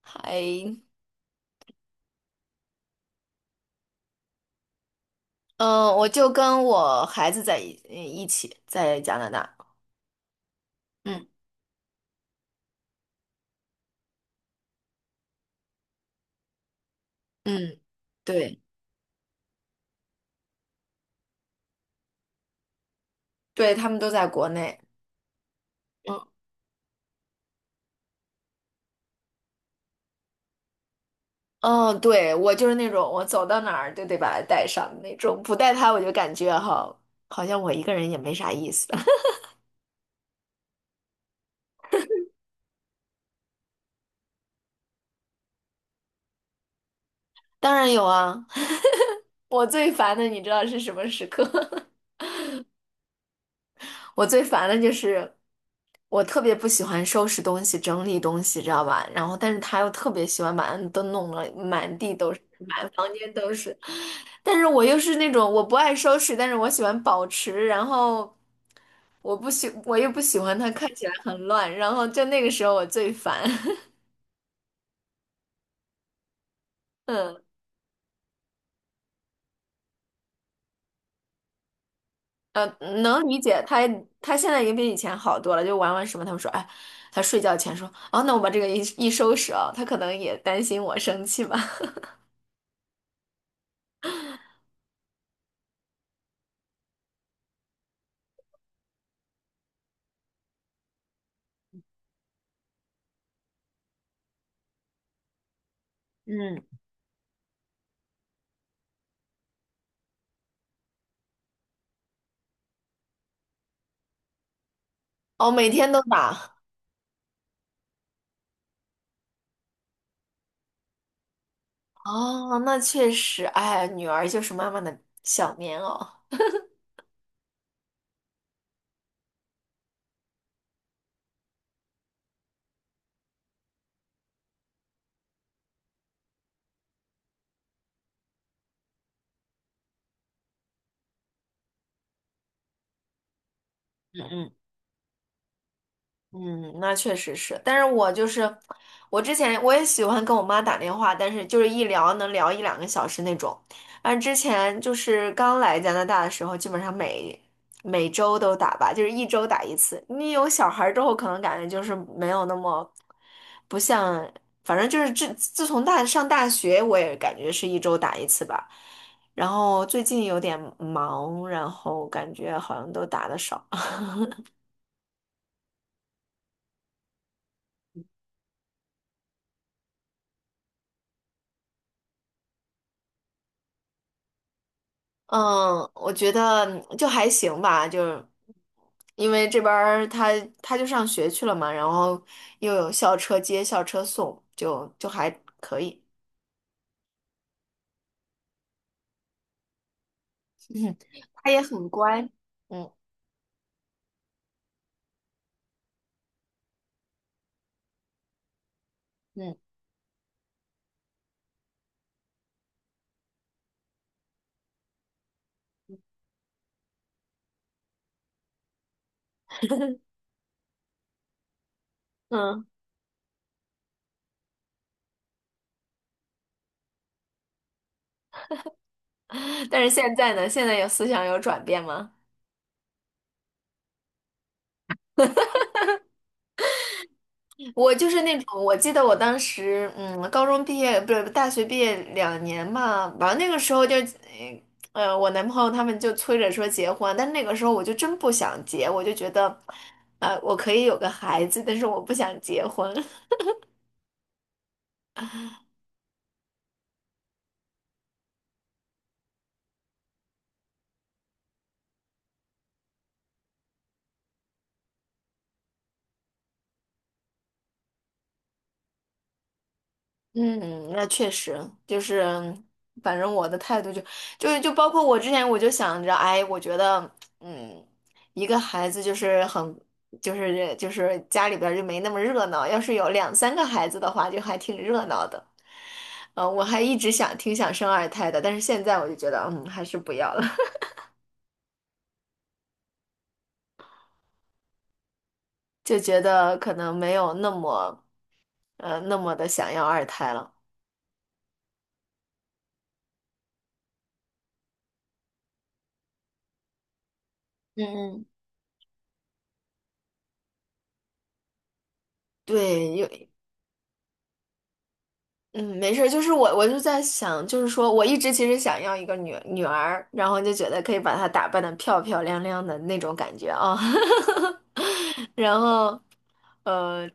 还，嗯，我就跟我孩子在一起在加拿大。嗯嗯，对对，他们都在国内。嗯嗯，对，我就是那种我走到哪儿就得把他带上的那种，不带他我就感觉哈，好像我一个人也没啥意思。当然有啊，我最烦的你知道是什么时刻？我最烦的就是我特别不喜欢收拾东西、整理东西，知道吧？然后但是他又特别喜欢把都弄得满地都是。都是，但是我又是那种我不爱收拾，但是我喜欢保持，然后我又不喜欢它看起来很乱，然后就那个时候我最烦。嗯，呃，能理解他，他现在也比以前好多了，就玩玩什么，他们说，哎，他睡觉前说，哦，那我把这个一一收拾啊，他可能也担心我生气吧。嗯，哦，每天都打。哦，那确实，哎，女儿就是妈妈的小棉袄。嗯嗯。嗯，那确实是，但是我就是我之前我也喜欢跟我妈打电话，但是就是一聊能聊一两个小时那种。但之前就是刚来加拿大的时候，基本上每周都打吧，就是一周打一次。你有小孩儿之后，可能感觉就是没有那么不像，反正就是自从上大学，我也感觉是一周打一次吧。然后最近有点忙，然后感觉好像都打的少。嗯，我觉得就还行吧，就是因为这边儿他就上学去了嘛，然后又有校车接、校车送，就还可以。他也很乖，嗯嗯嗯。但是现在呢，现在有思想有转变吗？我就是那种，我记得我当时，嗯，高中毕业不是大学毕业2年嘛，完了那个时候就，我男朋友他们就催着说结婚，但那个时候我就真不想结，我就觉得，我可以有个孩子，但是我不想结婚。嗯，那确实就是，反正我的态度就包括我之前我就想着，哎，我觉得，嗯，一个孩子就是就是家里边儿就没那么热闹，要是有两三个孩子的话，就还挺热闹的。我还一直挺想生二胎的，但是现在我就觉得，嗯，还是不要了。就觉得可能没有那么的想要二胎了。嗯嗯，对，嗯，没事儿，就是我就在想，就是说我一直其实想要一个女儿，然后就觉得可以把她打扮的漂漂亮亮的那种感觉啊。然后，呃。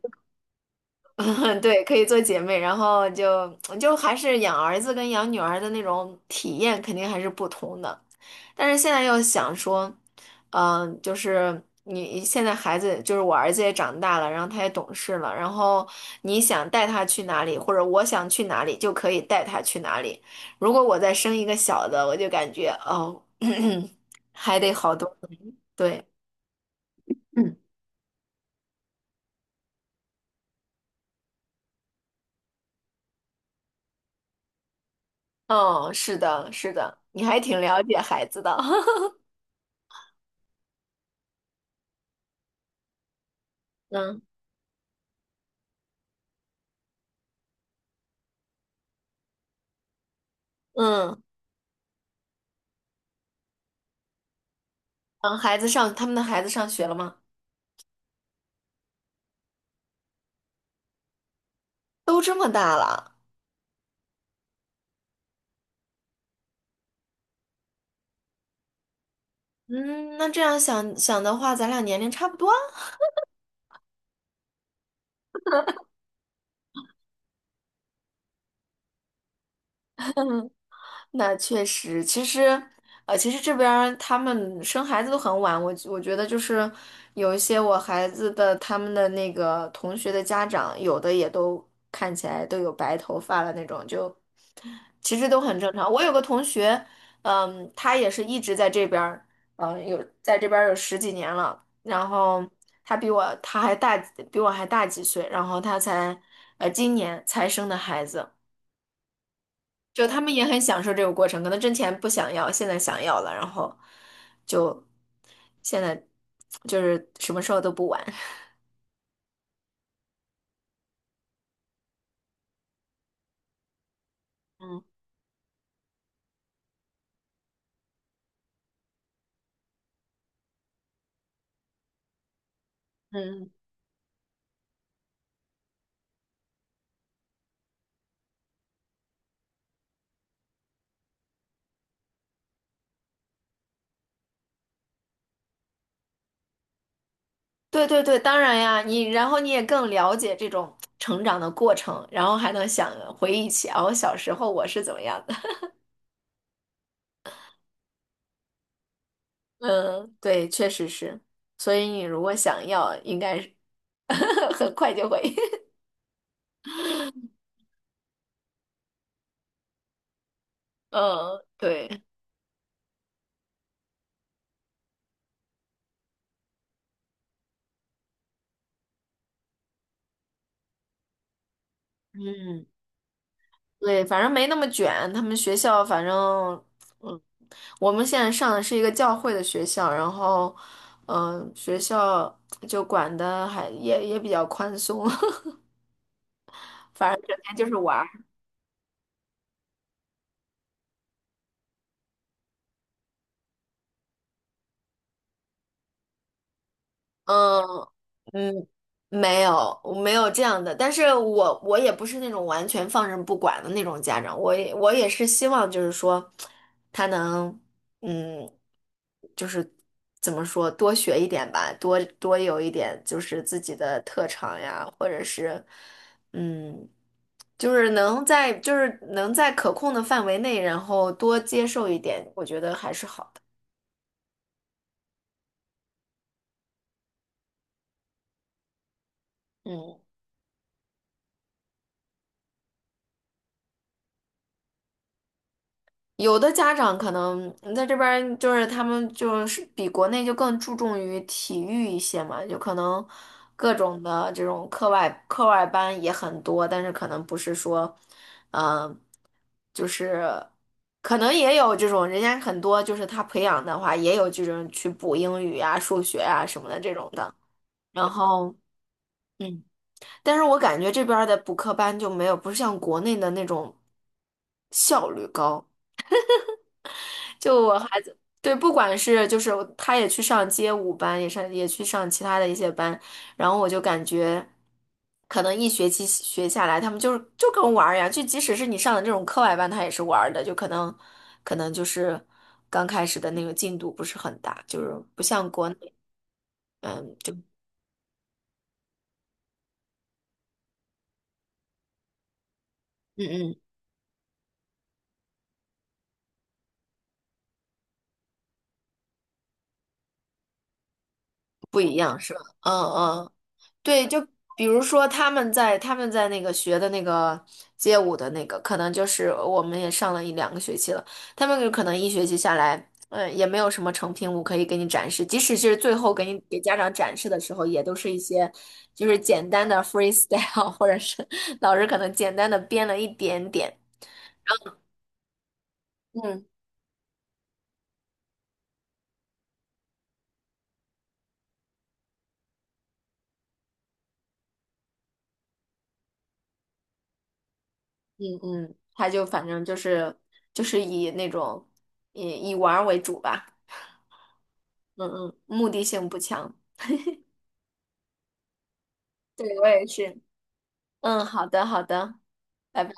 对，可以做姐妹，然后就还是养儿子跟养女儿的那种体验肯定还是不同的。但是现在又想说，嗯、就是你现在孩子，就是我儿子也长大了，然后他也懂事了，然后你想带他去哪里，或者我想去哪里，就可以带他去哪里。如果我再生一个小的，我就感觉哦，还得好多。对，嗯，哦，是的，是的，你还挺了解孩子的。嗯嗯。嗯，孩子上，他们的孩子上学了吗？都这么大了。嗯，那这样想想的话，咱俩年龄差不多啊。那确实，其实这边儿他们生孩子都很晚。我觉得就是有一些我孩子的他们的那个同学的家长，有的也都看起来都有白头发了那种，就其实都很正常。我有个同学，嗯，他也是一直在这边儿，嗯，有在这边儿有十几年了。然后他比我他还大几，比我还大几岁。然后他才，今年才生的孩子。就他们也很享受这个过程，可能之前不想要，现在想要了，然后就现在就是什么时候都不晚。嗯嗯。对对对，当然呀，然后你也更了解这种成长的过程，然后还能想回忆起哦，小时候我是怎么样的。嗯，对，确实是。所以你如果想要，应该是 很快就会。嗯，对，嗯，对，反正没那么卷。他们学校反正，嗯，我们现在上的是一个教会的学校，然后，嗯，学校就管的还也比较宽松。反正整天就是玩。嗯嗯，没有，我没有这样的。但是我也不是那种完全放任不管的那种家长，我也是希望就是说，他能嗯，就是怎么说，多学一点吧，多有一点就是自己的特长呀，或者是嗯，就是能在可控的范围内，然后多接受一点，我觉得还是好的。嗯。有的家长可能在这边儿就是他们就是比国内就更注重于体育一些嘛，就可能各种的这种课外班也很多，但是可能不是说，嗯、就是可能也有这种人家很多就是他培养的话也有这种去补英语啊、数学啊什么的这种的，然后嗯，但是我感觉这边儿的补课班就没有不是像国内的那种效率高。就我孩子，对，不管是就是他也去上街舞班，也去上其他的一些班，然后我就感觉，可能一学期学下来，他们就是跟玩儿一样，就即使是你上的这种课外班，他也是玩儿的，就可能就是刚开始的那个进度不是很大，就是不像国内，嗯，就嗯嗯不一样是吧？嗯嗯。对，就比如说他们在那个学的那个街舞的那个，可能就是我们也上了一两个学期了，他们有可能一学期下来，嗯，也没有什么成品舞可以给你展示，即使是最后给家长展示的时候，也都是一些就是简单的 freestyle，或者是老师可能简单的编了一点点。嗯嗯嗯，他就反正就是以那种以以玩儿为主吧，嗯嗯，目的性不强。对，我也是。嗯，好的，好的，拜拜。